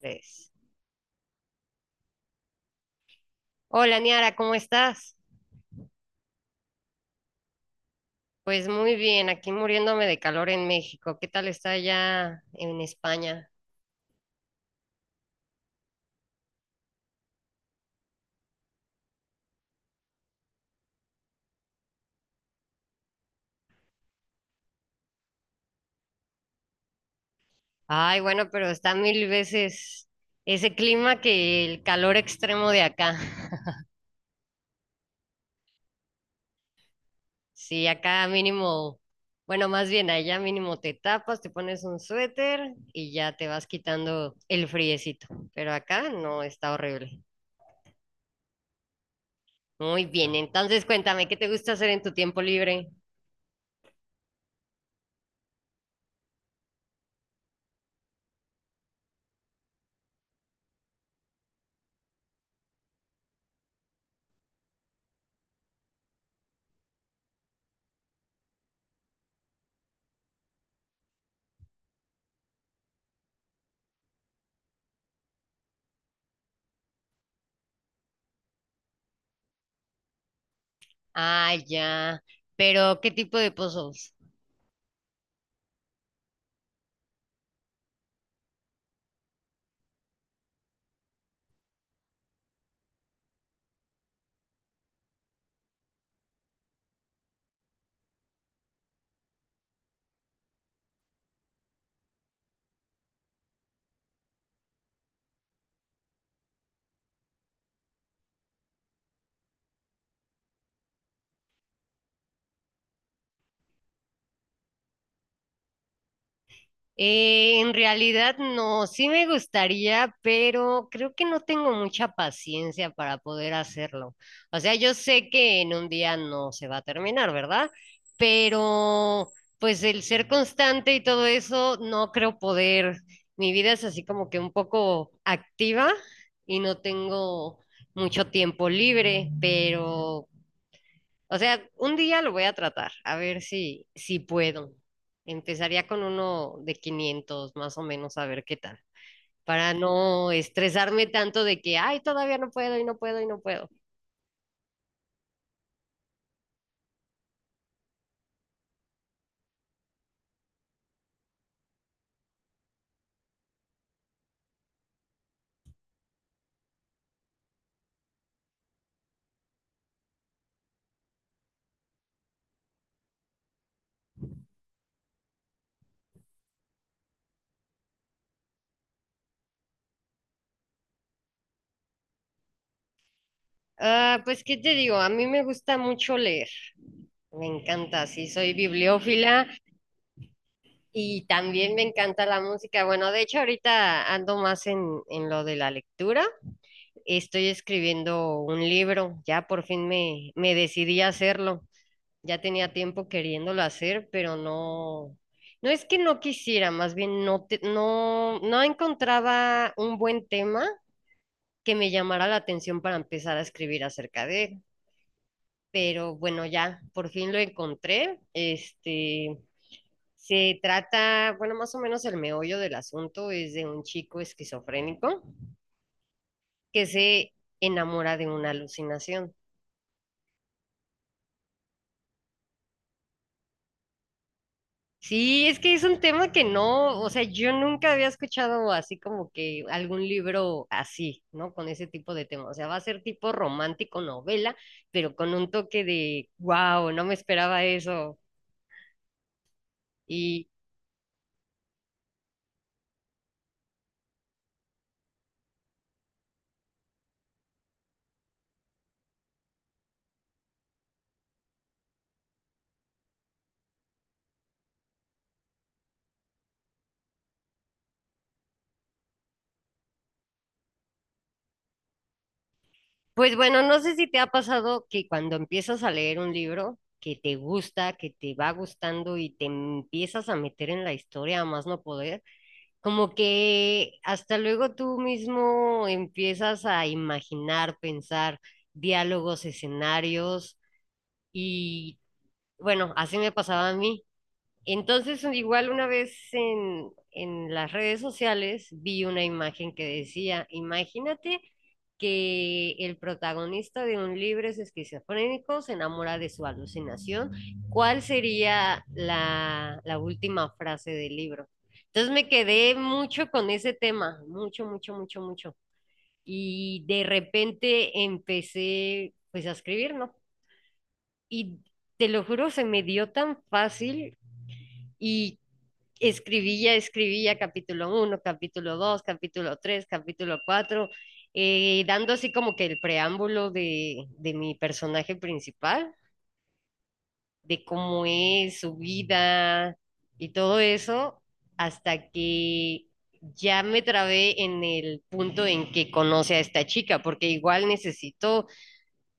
Tres. Hola, Niara, ¿cómo estás? Pues muy bien, aquí muriéndome de calor en México. ¿Qué tal está allá en España? Ay, bueno, pero está mil veces ese clima que el calor extremo de acá. Sí, acá mínimo, bueno, más bien allá mínimo te tapas, te pones un suéter y ya te vas quitando el friecito. Pero acá no, está horrible. Muy bien, entonces cuéntame, ¿qué te gusta hacer en tu tiempo libre? Ah, ya. Pero, ¿qué tipo de pozos? En realidad no, sí me gustaría, pero creo que no tengo mucha paciencia para poder hacerlo. O sea, yo sé que en un día no se va a terminar, ¿verdad? Pero pues el ser constante y todo eso, no creo poder. Mi vida es así como que un poco activa y no tengo mucho tiempo libre, pero o sea, un día lo voy a tratar, a ver si, puedo. Empezaría con uno de 500 más o menos, a ver qué tal, para no estresarme tanto de que, ay, todavía no puedo y no puedo y no puedo. Ah, pues, ¿qué te digo? A mí me gusta mucho leer, me encanta, sí, soy bibliófila y también me encanta la música. Bueno, de hecho, ahorita ando más en, lo de la lectura. Estoy escribiendo un libro, ya por fin me decidí a hacerlo. Ya tenía tiempo queriéndolo hacer, pero no, no es que no quisiera, más bien no, no encontraba un buen tema que me llamara la atención para empezar a escribir acerca de él. Pero bueno, ya, por fin lo encontré. Se trata, bueno, más o menos el meollo del asunto es de un chico esquizofrénico que se enamora de una alucinación. Sí, es que es un tema que no, o sea, yo nunca había escuchado así como que algún libro así, ¿no? Con ese tipo de tema. O sea, va a ser tipo romántico novela, pero con un toque de, wow, no me esperaba eso. Y pues bueno, no sé si te ha pasado que cuando empiezas a leer un libro que te gusta, que te va gustando y te empiezas a meter en la historia a más no poder. Como que hasta luego tú mismo empiezas a imaginar, pensar diálogos, escenarios y bueno, así me pasaba a mí. Entonces, igual una vez en, las redes sociales vi una imagen que decía, imagínate que el protagonista de un libro es esquizofrénico, se enamora de su alucinación, ¿cuál sería la última frase del libro? Entonces me quedé mucho con ese tema, mucho, mucho, mucho, mucho. Y de repente empecé pues a escribir, ¿no? Y te lo juro, se me dio tan fácil y escribía, capítulo uno capítulo 2 capítulo 3 capítulo 4, dando así como que el preámbulo de mi personaje principal, de cómo es su vida y todo eso, hasta que ya me trabé en el punto en que conoce a esta chica, porque igual necesito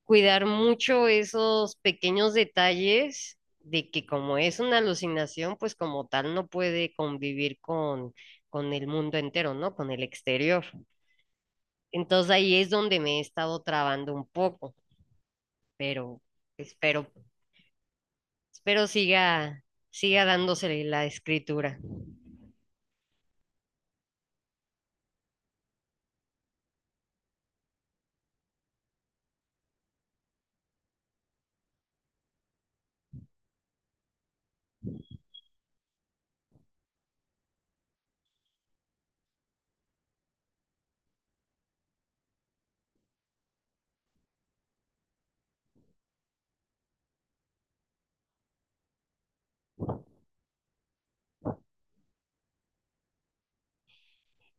cuidar mucho esos pequeños detalles de que como es una alucinación, pues como tal no puede convivir con, el mundo entero, ¿no? Con el exterior. Entonces ahí es donde me he estado trabando un poco, pero espero, espero, siga dándose la escritura.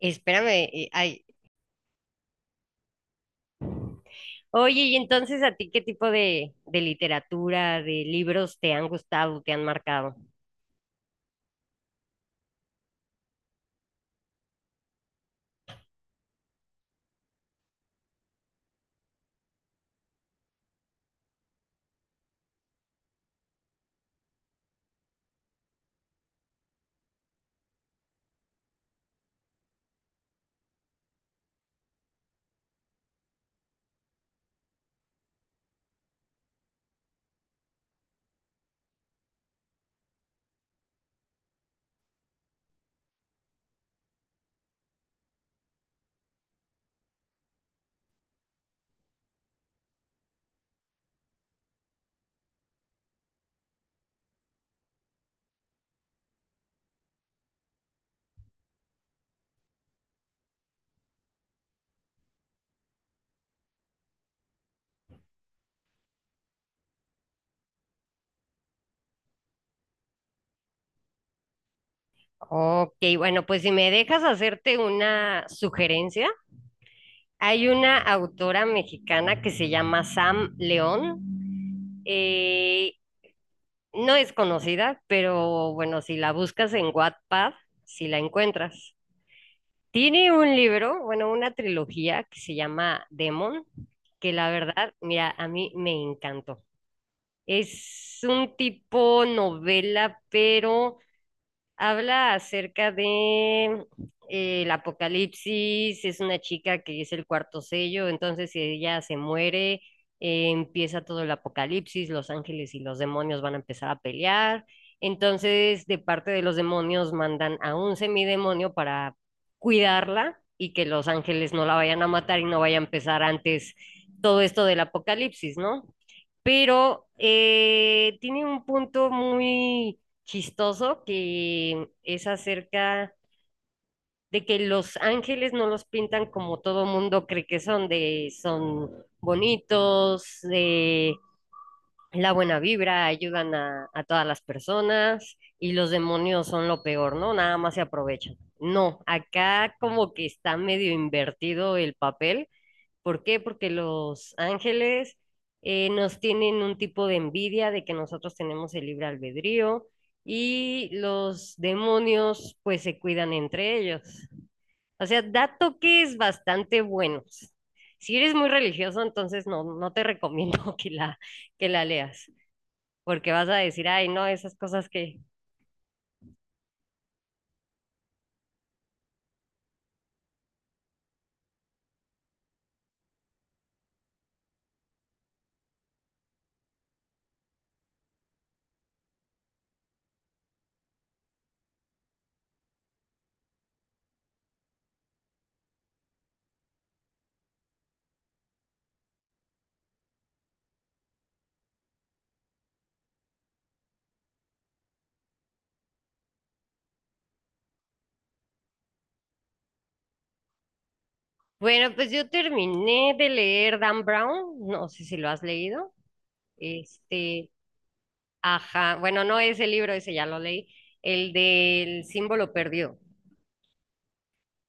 Espérame, ay. Oye, y entonces a ti, ¿qué tipo de literatura, de libros te han gustado, te han marcado? Ok, bueno, pues si me dejas hacerte una sugerencia, hay una autora mexicana que se llama Sam León. eh, no es conocida, pero bueno, si la buscas en Wattpad, si la encuentras. Tiene un libro, bueno, una trilogía que se llama Demon, que la verdad, mira, a mí me encantó. Es un tipo novela, pero habla acerca de el apocalipsis, es una chica que es el cuarto sello, entonces si ella se muere, empieza todo el apocalipsis, los ángeles y los demonios van a empezar a pelear, entonces de parte de los demonios mandan a un semidemonio para cuidarla y que los ángeles no la vayan a matar y no vaya a empezar antes todo esto del apocalipsis, ¿no? Pero tiene un punto muy chistoso que es acerca de que los ángeles no los pintan como todo mundo cree que son, de son bonitos, de la buena vibra, ayudan a, todas las personas y los demonios son lo peor, ¿no? Nada más se aprovechan. No, acá como que está medio invertido el papel. ¿Por qué? Porque los ángeles nos tienen un tipo de envidia de que nosotros tenemos el libre albedrío y los demonios pues se cuidan entre ellos. O sea, da toques bastante buenos. Si eres muy religioso, entonces no, te recomiendo que la leas, porque vas a decir, ay, no, esas cosas que... Bueno, pues yo terminé de leer Dan Brown, no sé si lo has leído. Este, Ajá, bueno, no ese libro, ese ya lo leí, el del símbolo perdido,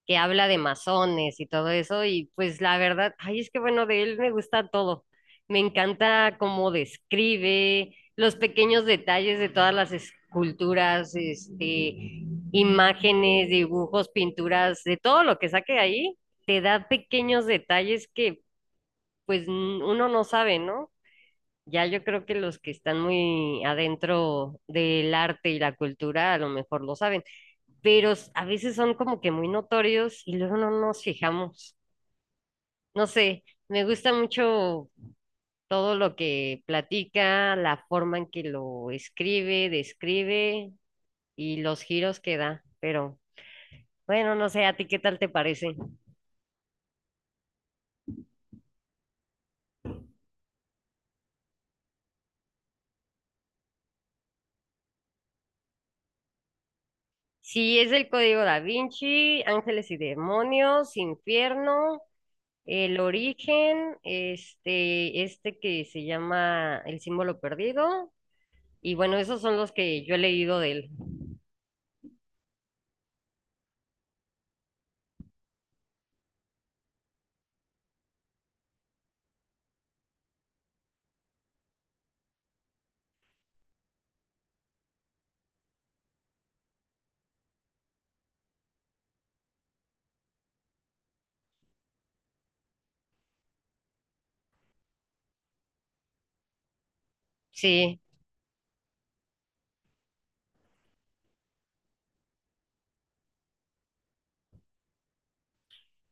que habla de masones y todo eso, y pues la verdad, ay, es que bueno, de él me gusta todo. Me encanta cómo describe los pequeños detalles de todas las esculturas, imágenes, dibujos, pinturas, de todo lo que saque ahí, te da pequeños detalles que pues uno no sabe, ¿no? Ya yo creo que los que están muy adentro del arte y la cultura a lo mejor lo saben, pero a veces son como que muy notorios y luego no nos fijamos. No sé, me gusta mucho todo lo que platica, la forma en que lo escribe, describe y los giros que da, pero bueno, no sé, ¿a ti qué tal te parece? Si es el Código Da Vinci, Ángeles y Demonios, Infierno. El origen, este que se llama El símbolo perdido. Y bueno, esos son los que yo he leído de él. Sí.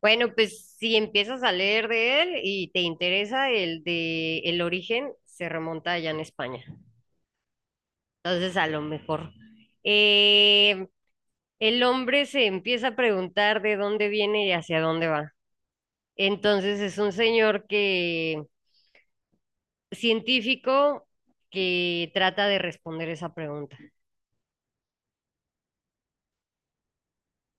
Bueno, pues si empiezas a leer de él y te interesa el de El origen, se remonta allá en España. Entonces, a lo mejor. eh, el hombre se empieza a preguntar de dónde viene y hacia dónde va. Entonces, es un señor que, científico, que trata de responder esa pregunta.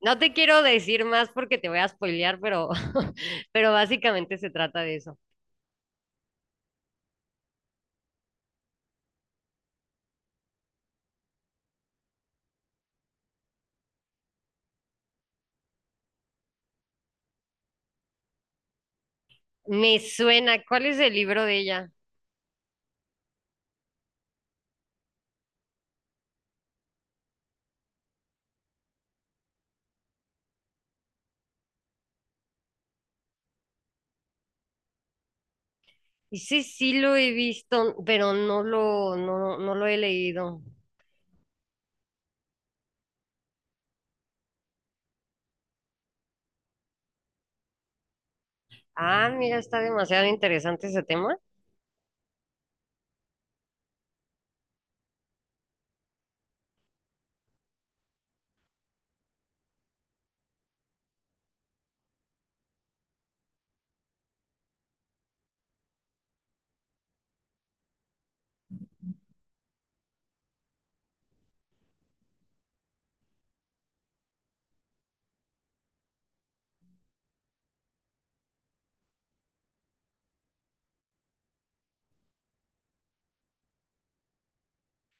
No te quiero decir más porque te voy a spoilear, pero, pero básicamente se trata de eso. Me suena, ¿cuál es el libro de ella? Y sí, sí lo he visto, pero no lo he leído. Ah, mira, está demasiado interesante ese tema.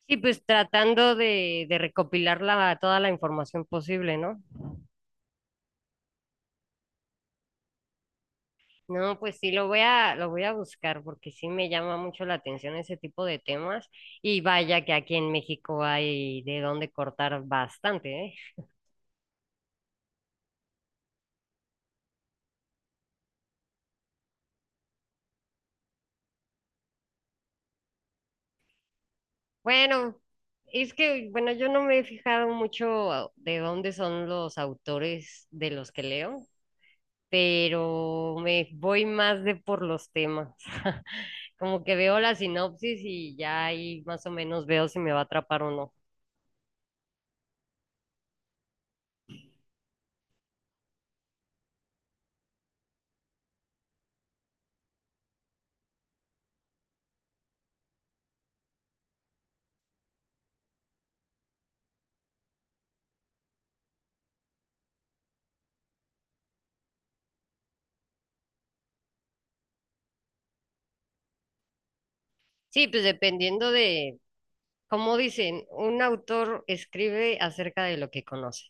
Sí, pues tratando de recopilar toda la información posible, ¿no? No, pues sí, lo voy a buscar porque sí me llama mucho la atención ese tipo de temas. Y vaya que aquí en México hay de dónde cortar bastante, ¿eh? Bueno, es que, bueno, yo no me he fijado mucho de dónde son los autores de los que leo, pero me voy más de por los temas. Como que veo la sinopsis y ya ahí más o menos veo si me va a atrapar o no. Sí, pues dependiendo de, como dicen, un autor escribe acerca de lo que conoce,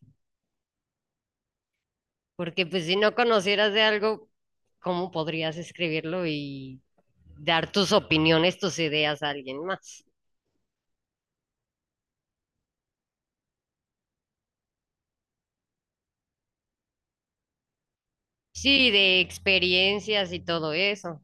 porque pues si no conocieras de algo, ¿cómo podrías escribirlo y dar tus opiniones, tus ideas a alguien más? Sí, de experiencias y todo eso.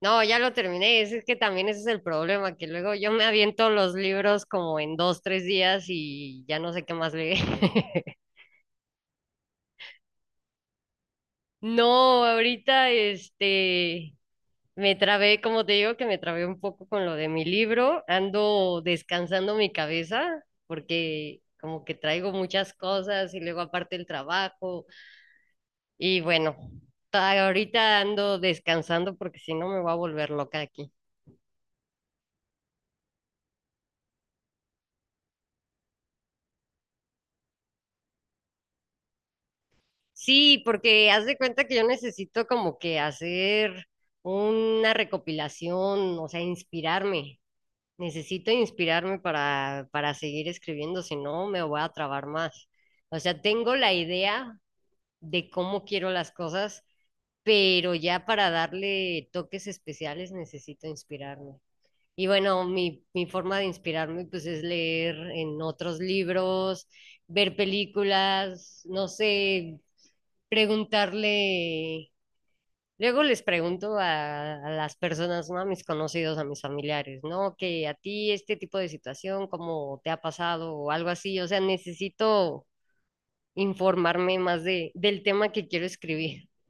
No, ya lo terminé. Es que también ese es el problema, que luego yo me aviento los libros como en dos, tres días y ya no sé qué más leer. No, ahorita me trabé, como te digo, que me trabé un poco con lo de mi libro. Ando descansando mi cabeza porque como que traigo muchas cosas y luego aparte el trabajo y bueno, ahorita ando descansando porque si no me voy a volver loca aquí. Sí, porque haz de cuenta que yo necesito como que hacer una recopilación, o sea, inspirarme. Necesito inspirarme para, seguir escribiendo, si no me voy a trabar más. O sea, tengo la idea de cómo quiero las cosas, pero ya para darle toques especiales necesito inspirarme. Y bueno, mi, forma de inspirarme pues es leer en otros libros, ver películas, no sé preguntarle, luego les pregunto a las personas, ¿no? A mis conocidos, a mis familiares, ¿no? Que a ti este tipo de situación, ¿cómo te ha pasado o algo así? O sea, necesito informarme más del tema que quiero escribir.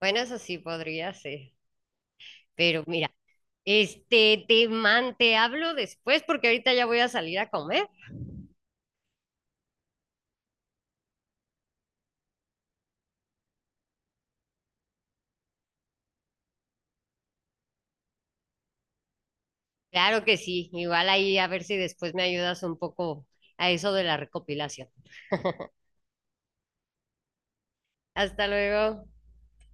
Bueno, eso sí podría ser, pero mira, te hablo después porque ahorita ya voy a salir a comer. Claro que sí, igual ahí a ver si después me ayudas un poco a eso de la recopilación. Hasta luego.